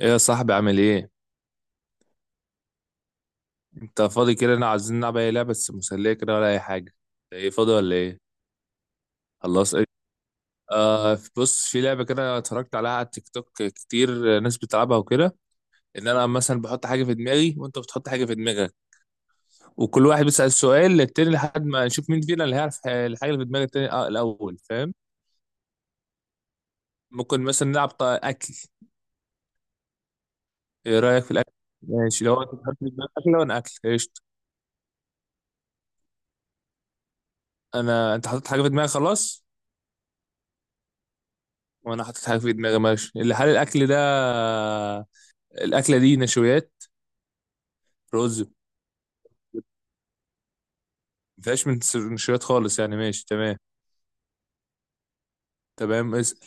ايه يا صاحبي، عامل ايه؟ انت فاضي كده؟ انا عايزين نلعب اي لعبه بس مسليه كده، ولا اي حاجه؟ ايه، فاضي ولا ايه؟ خلاص، ايه؟ آه، بص، في لعبه كده اتفرجت عليها على التيك توك كتير، ناس بتلعبها وكده. انا مثلا بحط حاجه في دماغي، وانت بتحط حاجه في دماغك. وكل واحد بيسال سؤال للتاني لحد ما نشوف مين فينا اللي هيعرف الحاجه اللي في دماغ التاني. الاول، فاهم؟ ممكن مثلا نلعب اكل. ايه رايك في الاكل؟ ماشي. لو انت بتحط في دماغك اكل، وانا اكل قشطه. انت حطيت حاجه في دماغك، خلاص. وانا حاطط حاجه في دماغي. ماشي. اللي حال الاكل ده؟ الاكله دي نشويات؟ رز؟ مفيهاش نشويات خالص، يعني. ماشي، تمام. تمام، اسأل.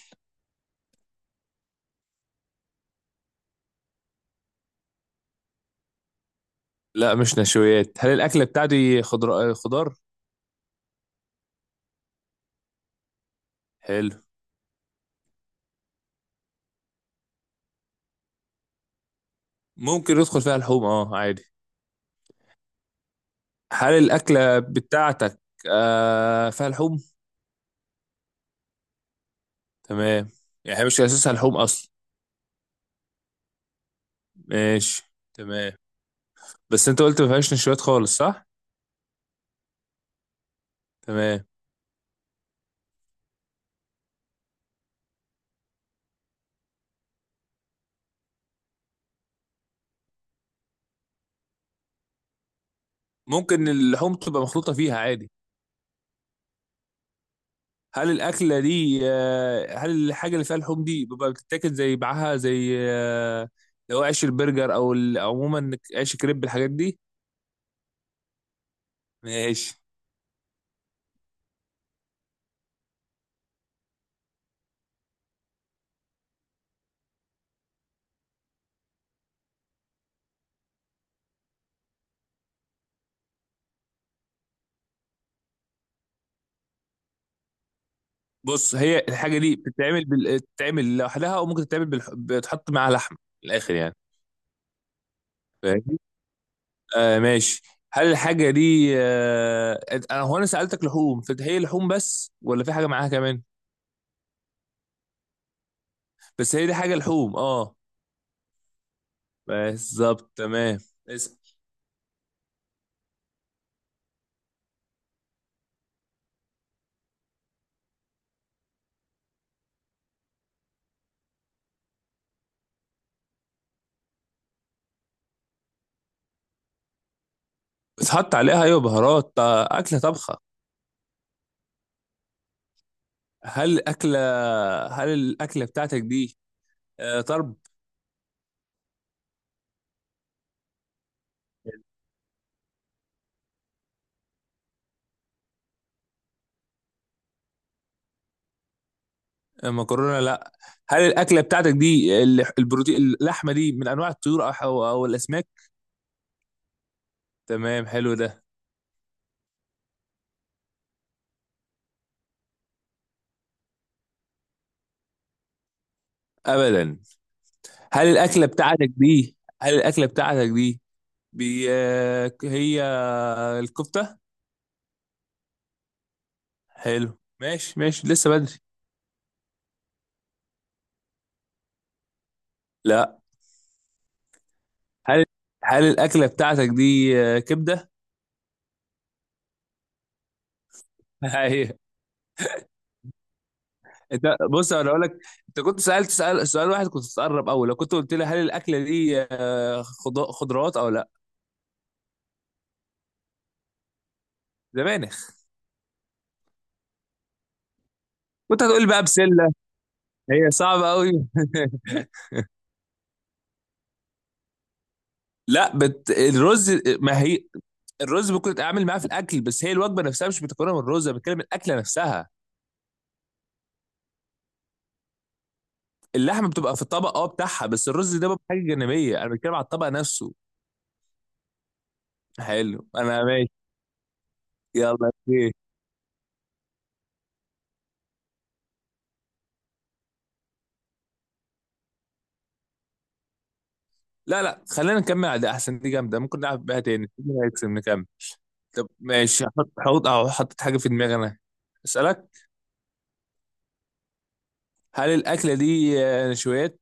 لا، مش نشويات. هل الاكله بتاعتي خضار؟ حلو. ممكن يدخل فيها لحوم، اه، عادي. هل الاكله بتاعتك فيها لحوم؟ تمام. يعني هي مش اساسها لحوم اصلا. ماشي. تمام. بس انت قلت ما فيهاش نشويات خالص، صح؟ تمام. ممكن اللحوم تبقى مخلوطه فيها عادي. هل الحاجه اللي فيها لحوم دي بيبقى بتتاكل زي معاها، زي لو عيش البرجر عموما، عيش كريب، الحاجات دي؟ ماشي. بص، هي الحاجه دي بتتعمل بتتعمل لوحدها، او ممكن تتعمل بتحط معاها لحمه، من الاخر يعني. فاهمني؟ آه، ماشي. هل الحاجه دي انا سالتك لحوم، فهي لحوم بس ولا في حاجه معاها كمان؟ بس هي دي حاجه لحوم، اه. بالظبط، تمام، اسأل. بتحط عليها، ايوه، بهارات، اكله طبخه. هل أكلة هل الأكلة بتاعتك دي طرب؟ مكرونة؟ لا. هل الأكلة بتاعتك دي البروتين، اللحمة دي، من أنواع الطيور أو الأسماك؟ تمام، حلو ده. أبدا. هل الأكلة بتاعتك دي بي آه، هي الكفتة؟ حلو، ماشي ماشي، لسه بدري. لا. هل هل الأكلة بتاعتك دي كبدة؟ انت، بص، انا اقول لك. انت كنت سأل سؤال واحد كنت تقرب قوي لو كنت قلت لي: هل الاكله دي خضروات او لا؟ زمانك. كنت هتقول بقى بسله. هي صعبه قوي. لا، الرز، ما هي الرز ممكن تتعامل معاه في الاكل، بس هي الوجبه نفسها مش متكونه من الرز، انا بتكلم الاكله نفسها. اللحمه بتبقى في الطبق، اه، بتاعها، بس الرز ده بقى حاجه جانبيه، انا بتكلم على الطبق نفسه. حلو، انا ماشي. يلا، اوكي. لا لا، خلينا نكمل على ده احسن، دي جامده، ممكن نلعب بيها تاني مين هيكسب، نكمل. طب ماشي. حط حط أو حطيت حاجة في دماغي أنا، أسألك. هل الأكلة دي نشويات؟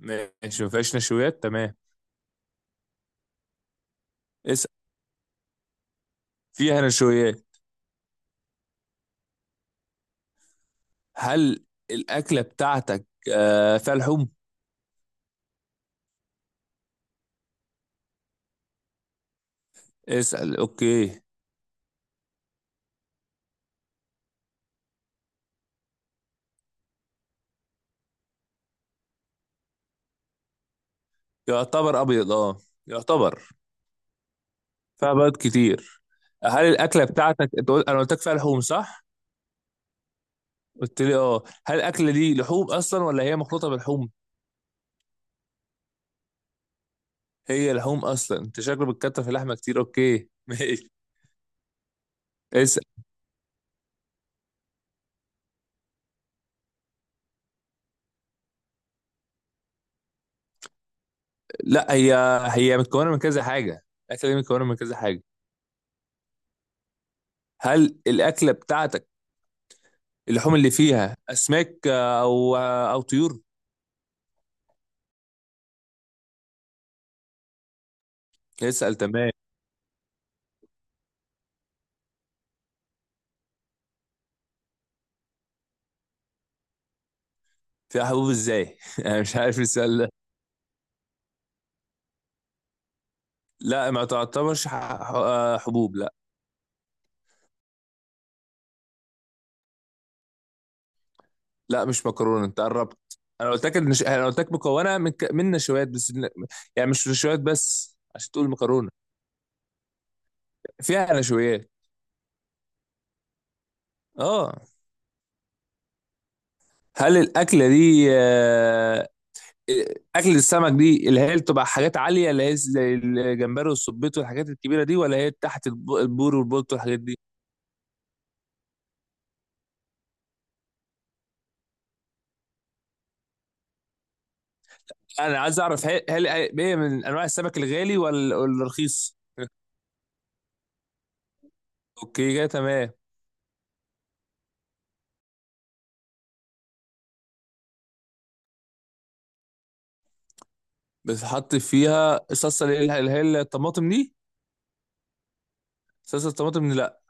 ماشي، ما فيهاش نشويات، تمام. اسأل. فيها نشويات. هل الأكلة بتاعتك فيها لحوم؟ اسأل، أوكي. يعتبر أبيض، أه. يعتبر. فيها بيض كتير. هل الأكلة بتاعتك أنا قلت لك فيها لحوم، صح؟ قلت لي أه، هل الأكلة دي لحوم أصلا ولا هي مخلوطة بلحوم؟ هي لحوم أصلا. أنت شكله بتكتر في اللحمة كتير. أوكي ماشي. اسأل. لا، هي متكونه من كذا حاجه، الاكله دي متكونه من كذا حاجه. هل الاكله بتاعتك اللحوم اللي فيها اسماك او طيور؟ اسال، تمام. فيها حبوب ازاي؟ انا مش عارف السؤال ده. لا، ما تعتبرش حبوب، لا. لا، مش مكرونه، انت قربت. انا قلت لك انا قلت لك مكونه من نشويات بس، يعني مش نشويات بس عشان تقول مكرونه. فيها نشويات. اه. هل الاكله دي اكل السمك دي اللي هي بتبقى حاجات عاليه، اللي هي زي الجمبري والسبيط والحاجات الكبيره دي، ولا هي تحت البور والبولت والحاجات دي؟ انا عايز اعرف، هل هي من انواع السمك الغالي ولا الرخيص؟ اوكي، كده تمام. بتحط فيها الصلصه، اللي هي الطماطم دي، صلصه الطماطم دي، لا.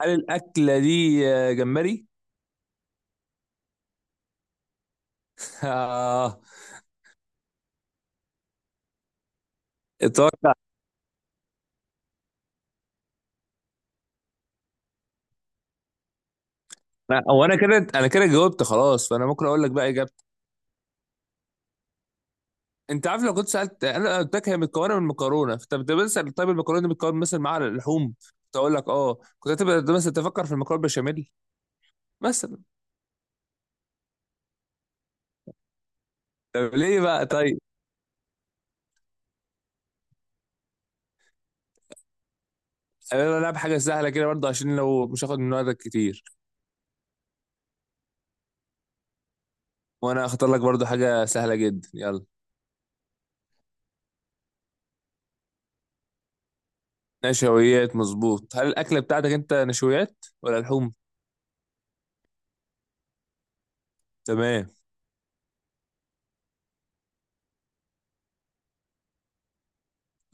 هل الاكله دي جمبري؟ آه، اتوقع. لا، هو انا كده جاوبت خلاص، فانا ممكن اقول لك بقى اجابه. انت عارف، لو كنت سالت انا قلت لك هي متكونه من مكرونه، فانت بتبقى بتسال طيب المكرونه دي بتكون مثلا مع اللحوم، كنت اقول لك اه، كنت هتبقى مثلا تفكر في المكرونه بشاميل مثلا. طب ليه بقى، طيب. انا العب حاجه سهله كده برضه، عشان لو مش هاخد من وقتك كتير. وانا اختار لك برضه حاجه سهله جدا، يلا. نشويات، مظبوط. هل الاكله بتاعتك انت نشويات ولا لحوم؟ تمام.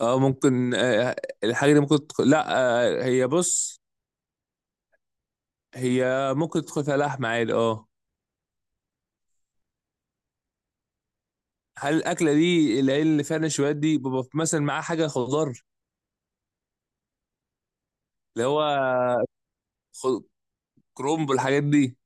اه، ممكن، الحاجه دي ممكن تدخل، لا. هي، بص، هي ممكن تدخل فيها لحمه عادي، اه. هل الاكله دي العيل اللي فيها نشويات دي بيبقى مثلا معاه حاجه خضار؟ اللي هو خ- كرومب والحاجات دي.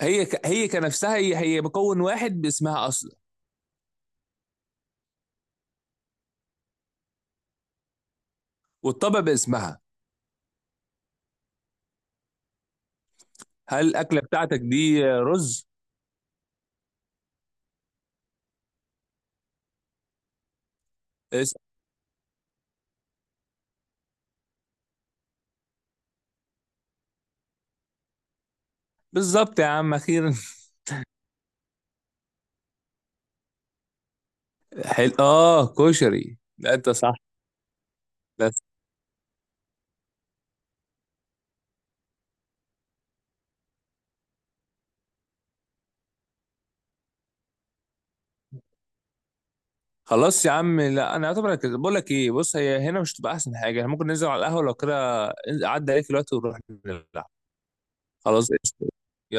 هي كنفسها، هي مكون واحد باسمها اصلا، والطبق باسمها. هل الاكله بتاعتك دي رز؟ اس- بالظبط يا عم، اخيرا. اه، كشري، لا، انت صح. بس. خلاص يا عم، لا، انا اعتبر كده. بقول لك ايه، بص، هي هنا مش هتبقى احسن حاجه، احنا ممكن ننزل على القهوه لو كده، عدى عليك الوقت، ونروح نلعب. خلاص، قشطة. يلا.